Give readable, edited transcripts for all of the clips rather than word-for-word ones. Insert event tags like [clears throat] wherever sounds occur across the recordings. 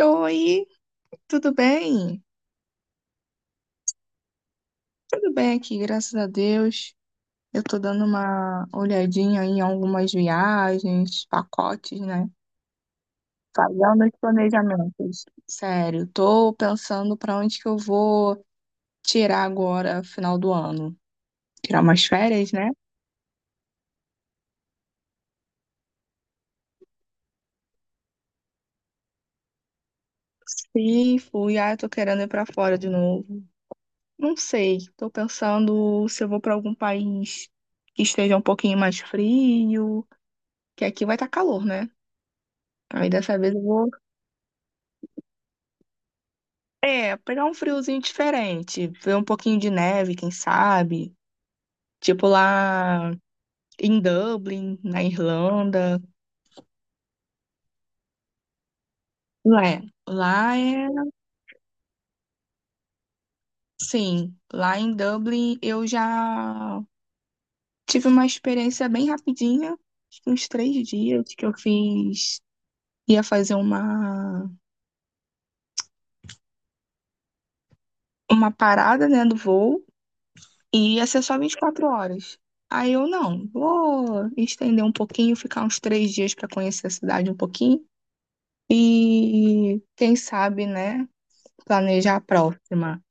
Oi, tudo bem? Tudo bem aqui, graças a Deus. Eu tô dando uma olhadinha em algumas viagens, pacotes, né? Fazendo os planejamentos. Sério, tô pensando pra onde que eu vou tirar agora, final do ano. Tirar umas férias, né? Sim, fui. Ah, eu tô querendo ir pra fora de novo. Não sei, tô pensando se eu vou pra algum país que esteja um pouquinho mais frio, que aqui vai estar calor, né? Aí dessa vez eu vou é, pegar um friozinho diferente, ver um pouquinho de neve, quem sabe? Tipo lá em Dublin, na Irlanda. Lá é, lá é, sim, lá em Dublin eu já tive uma experiência bem rapidinha, acho que uns 3 dias que eu fiz, ia fazer uma parada, né, do voo e ia ser só 24 horas. Aí eu não, vou estender um pouquinho, ficar uns 3 dias para conhecer a cidade um pouquinho. E quem sabe, né, planejar a próxima.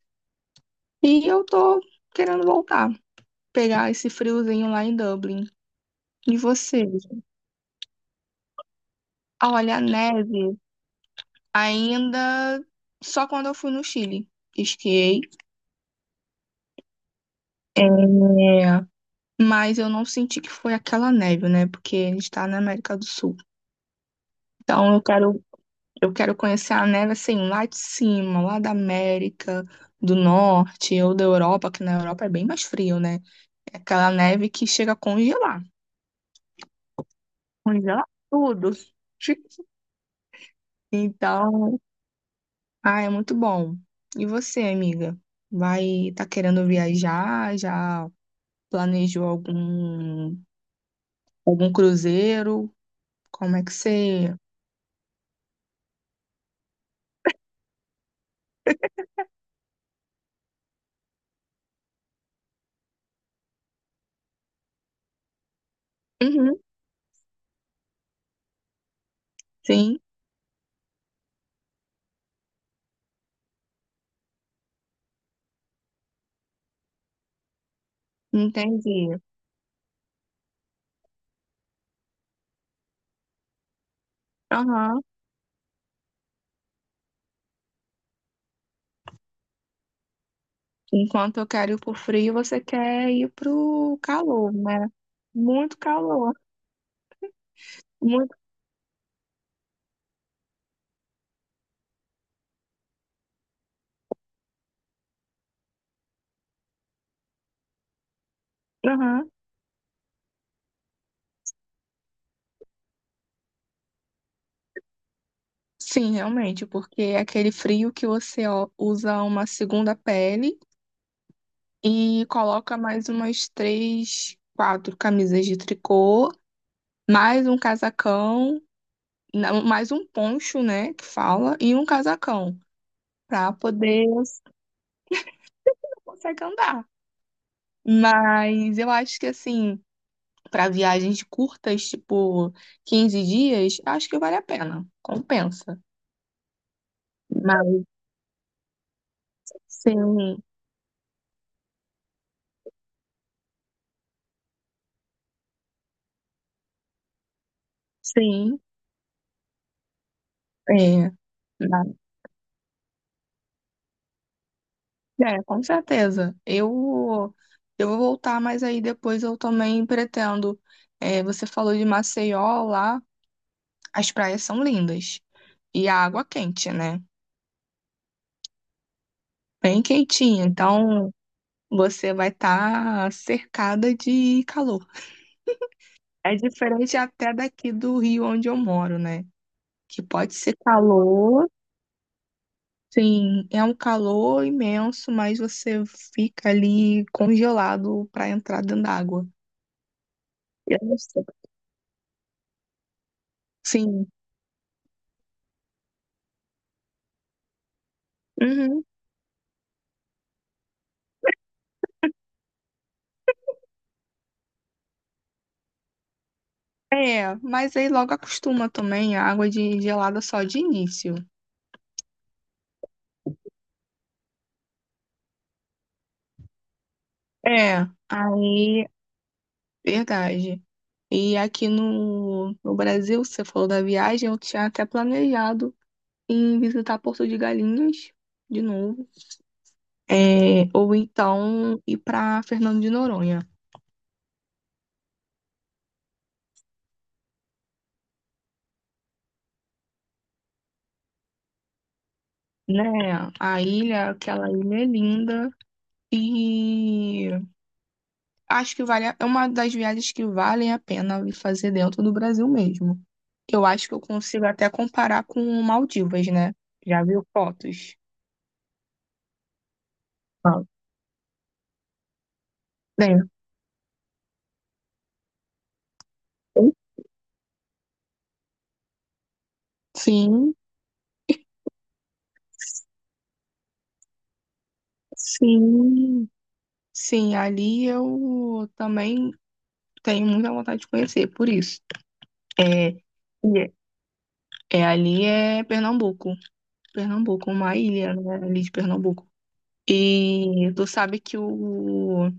E eu tô querendo voltar, pegar esse friozinho lá em Dublin. E vocês? Ah, olha, a neve ainda só quando eu fui no Chile. Esquiei. É, mas eu não senti que foi aquela neve, né? Porque a gente tá na América do Sul. Então eu quero conhecer a neve assim, lá de cima, lá da América do Norte ou da Europa, que na Europa é bem mais frio, né? É aquela neve que chega a congelar. Congelar tudo. [laughs] Então, ah, é muito bom. E você, amiga? Vai, tá querendo viajar? Já planejou algum cruzeiro? Como é que você? Uhum, sim, entendi. Aham. Enquanto eu quero ir pro frio, você quer ir pro calor, né? Muito calor. Muito. Aham. Sim, realmente, porque é aquele frio que você ó, usa uma segunda pele e coloca mais umas três, quatro camisas de tricô, mais um casacão, não, mais um poncho, né, que fala, e um casacão, pra poder você consegue andar. Mas eu acho que assim, para viagens curtas, tipo 15 dias, acho que vale a pena, compensa. Mas sim, sim, é. É, com certeza. Eu vou voltar, mas aí depois eu também pretendo. É, você falou de Maceió lá, as praias são lindas. E a água quente, né? Bem quentinha. Então você vai estar cercada de calor. É diferente até daqui do Rio onde eu moro, né? Que pode ser calor, sim, é um calor imenso, mas você fica ali congelado para entrar dentro d'água. Eu não sei. Sim. Uhum. É, mas aí logo acostuma também a água de gelada só de início. É, aí, verdade. E aqui no Brasil, você falou da viagem, eu tinha até planejado em visitar Porto de Galinhas de novo, é, ou então ir para Fernando de Noronha, né? A ilha, aquela ilha é linda e acho que vale, a- é uma das viagens que valem a pena fazer dentro do Brasil mesmo. Eu acho que eu consigo até comparar com Maldivas, né? Já viu fotos? Ah, bem, sim, sim, sim. Ali eu também tenho muita vontade de conhecer, por isso. É, e é é ali é Pernambuco, Pernambuco, uma ilha, né, ali de Pernambuco. E tu sabe que o,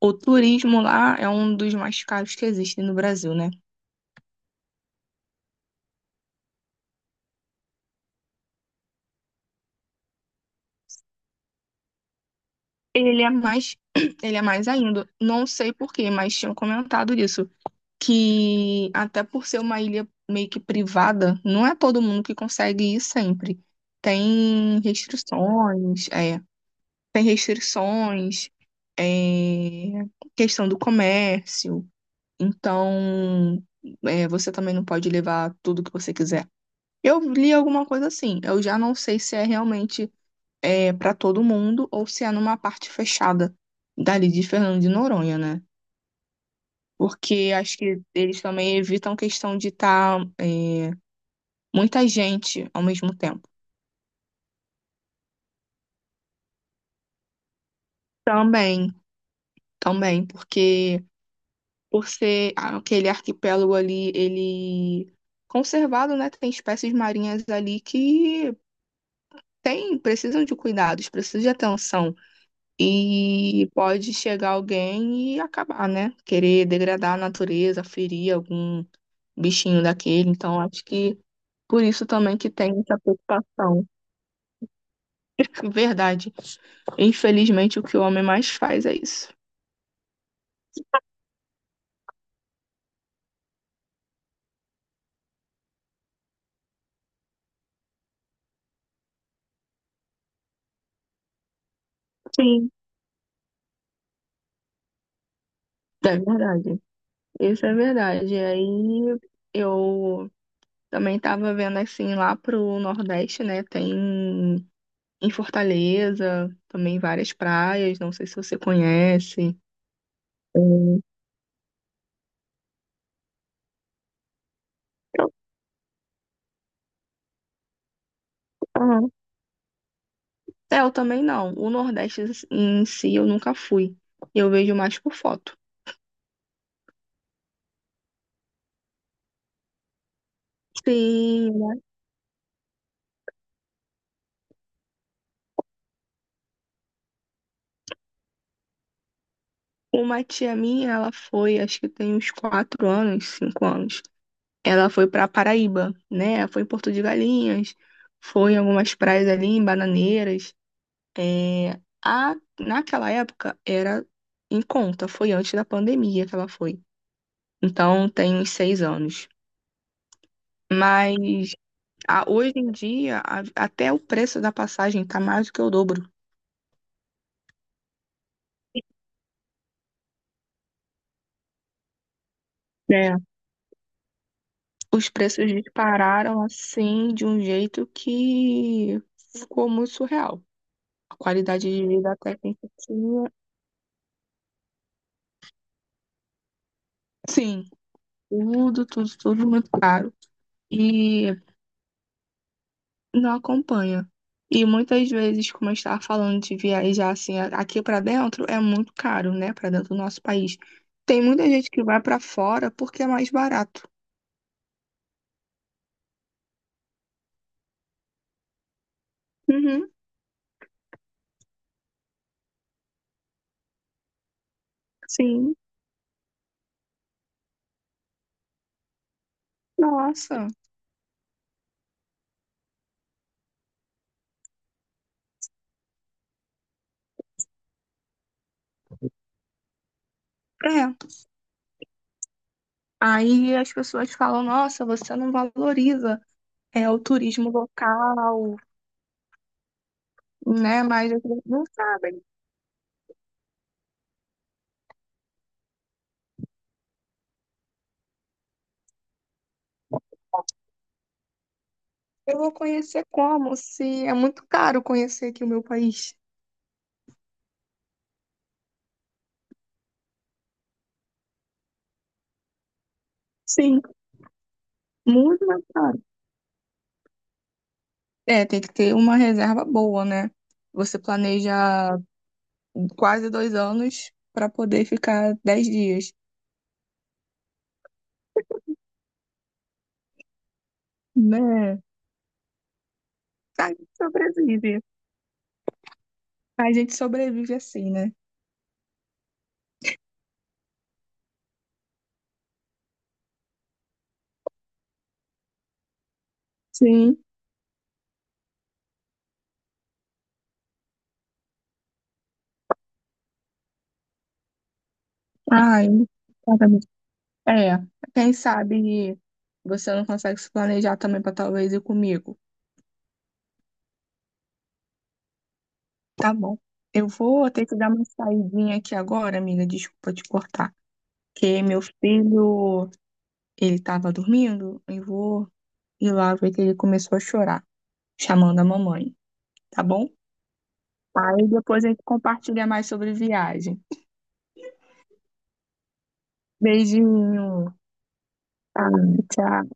o turismo lá é um dos mais caros que existem no Brasil, né? Ele é mais, [clears throat] ele é mais ainda. Não sei por quê, mas tinham comentado isso. Que até por ser uma ilha meio que privada, não é todo mundo que consegue ir sempre. Tem restrições, é, tem restrições, é, questão do comércio. Então, é, você também não pode levar tudo que você quiser. Eu li alguma coisa assim. Eu já não sei se é realmente é, para todo mundo ou se é numa parte fechada dali de Fernando de Noronha, né? Porque acho que eles também evitam questão de estar muita gente ao mesmo tempo. Também, também, porque por ser aquele arquipélago ali, ele conservado, né? Tem espécies marinhas ali que tem, precisam de cuidados, precisam de atenção. E pode chegar alguém e acabar, né? Querer degradar a natureza, ferir algum bichinho daquele. Então, acho que por isso também que tem essa preocupação. Verdade. Infelizmente, o que o homem mais faz é isso. Sim. É verdade. Isso é verdade. Aí eu também tava vendo assim lá pro Nordeste, né? Tem em Fortaleza também várias praias. Não sei se você conhece. Hum. Aham. É, eu também não. O Nordeste em si eu nunca fui. Eu vejo mais por foto. Sim, uma tia minha, ela foi, acho que tem uns 4 anos, 5 anos. Ela foi para Paraíba, né? Foi em Porto de Galinhas, foi em algumas praias ali, em Bananeiras. É, a, naquela época era em conta, foi antes da pandemia que ela foi. Então tem uns 6 anos. Mas a- hoje em dia, a- até o preço da passagem tá mais do que o dobro. Né? Os preços dispararam assim de um jeito que ficou muito surreal. A qualidade de vida até que a gente tinha. Sim, tudo, tudo, tudo muito caro e não acompanha. E muitas vezes, como eu estava falando de viajar assim, a- aqui para dentro é muito caro, né? Para dentro do nosso país. Tem muita gente que vai para fora porque é mais barato. Uhum, sim. Nossa. É. Aí as pessoas falam, nossa, você não valoriza é o turismo local, né? Mas as pessoas não sabem. Eu vou conhecer como? Se é muito caro conhecer aqui o meu país. Sim, muito mais caro. É, tem que ter uma reserva boa, né? Você planeja quase 2 anos para poder ficar 10 dias, né? A gente sobrevive. A gente sobrevive assim, né? Sim. Ai, exatamente. É, quem sabe você não consegue se planejar também para talvez ir comigo. Tá bom. Eu vou ter que dar uma saidinha aqui agora, amiga. Desculpa te cortar. Que meu filho, ele tava dormindo. Eu vou ir lá ver que ele começou a chorar. Chamando a mamãe, tá bom? Aí depois a gente compartilha mais sobre viagem. Beijinho. Tá, tchau.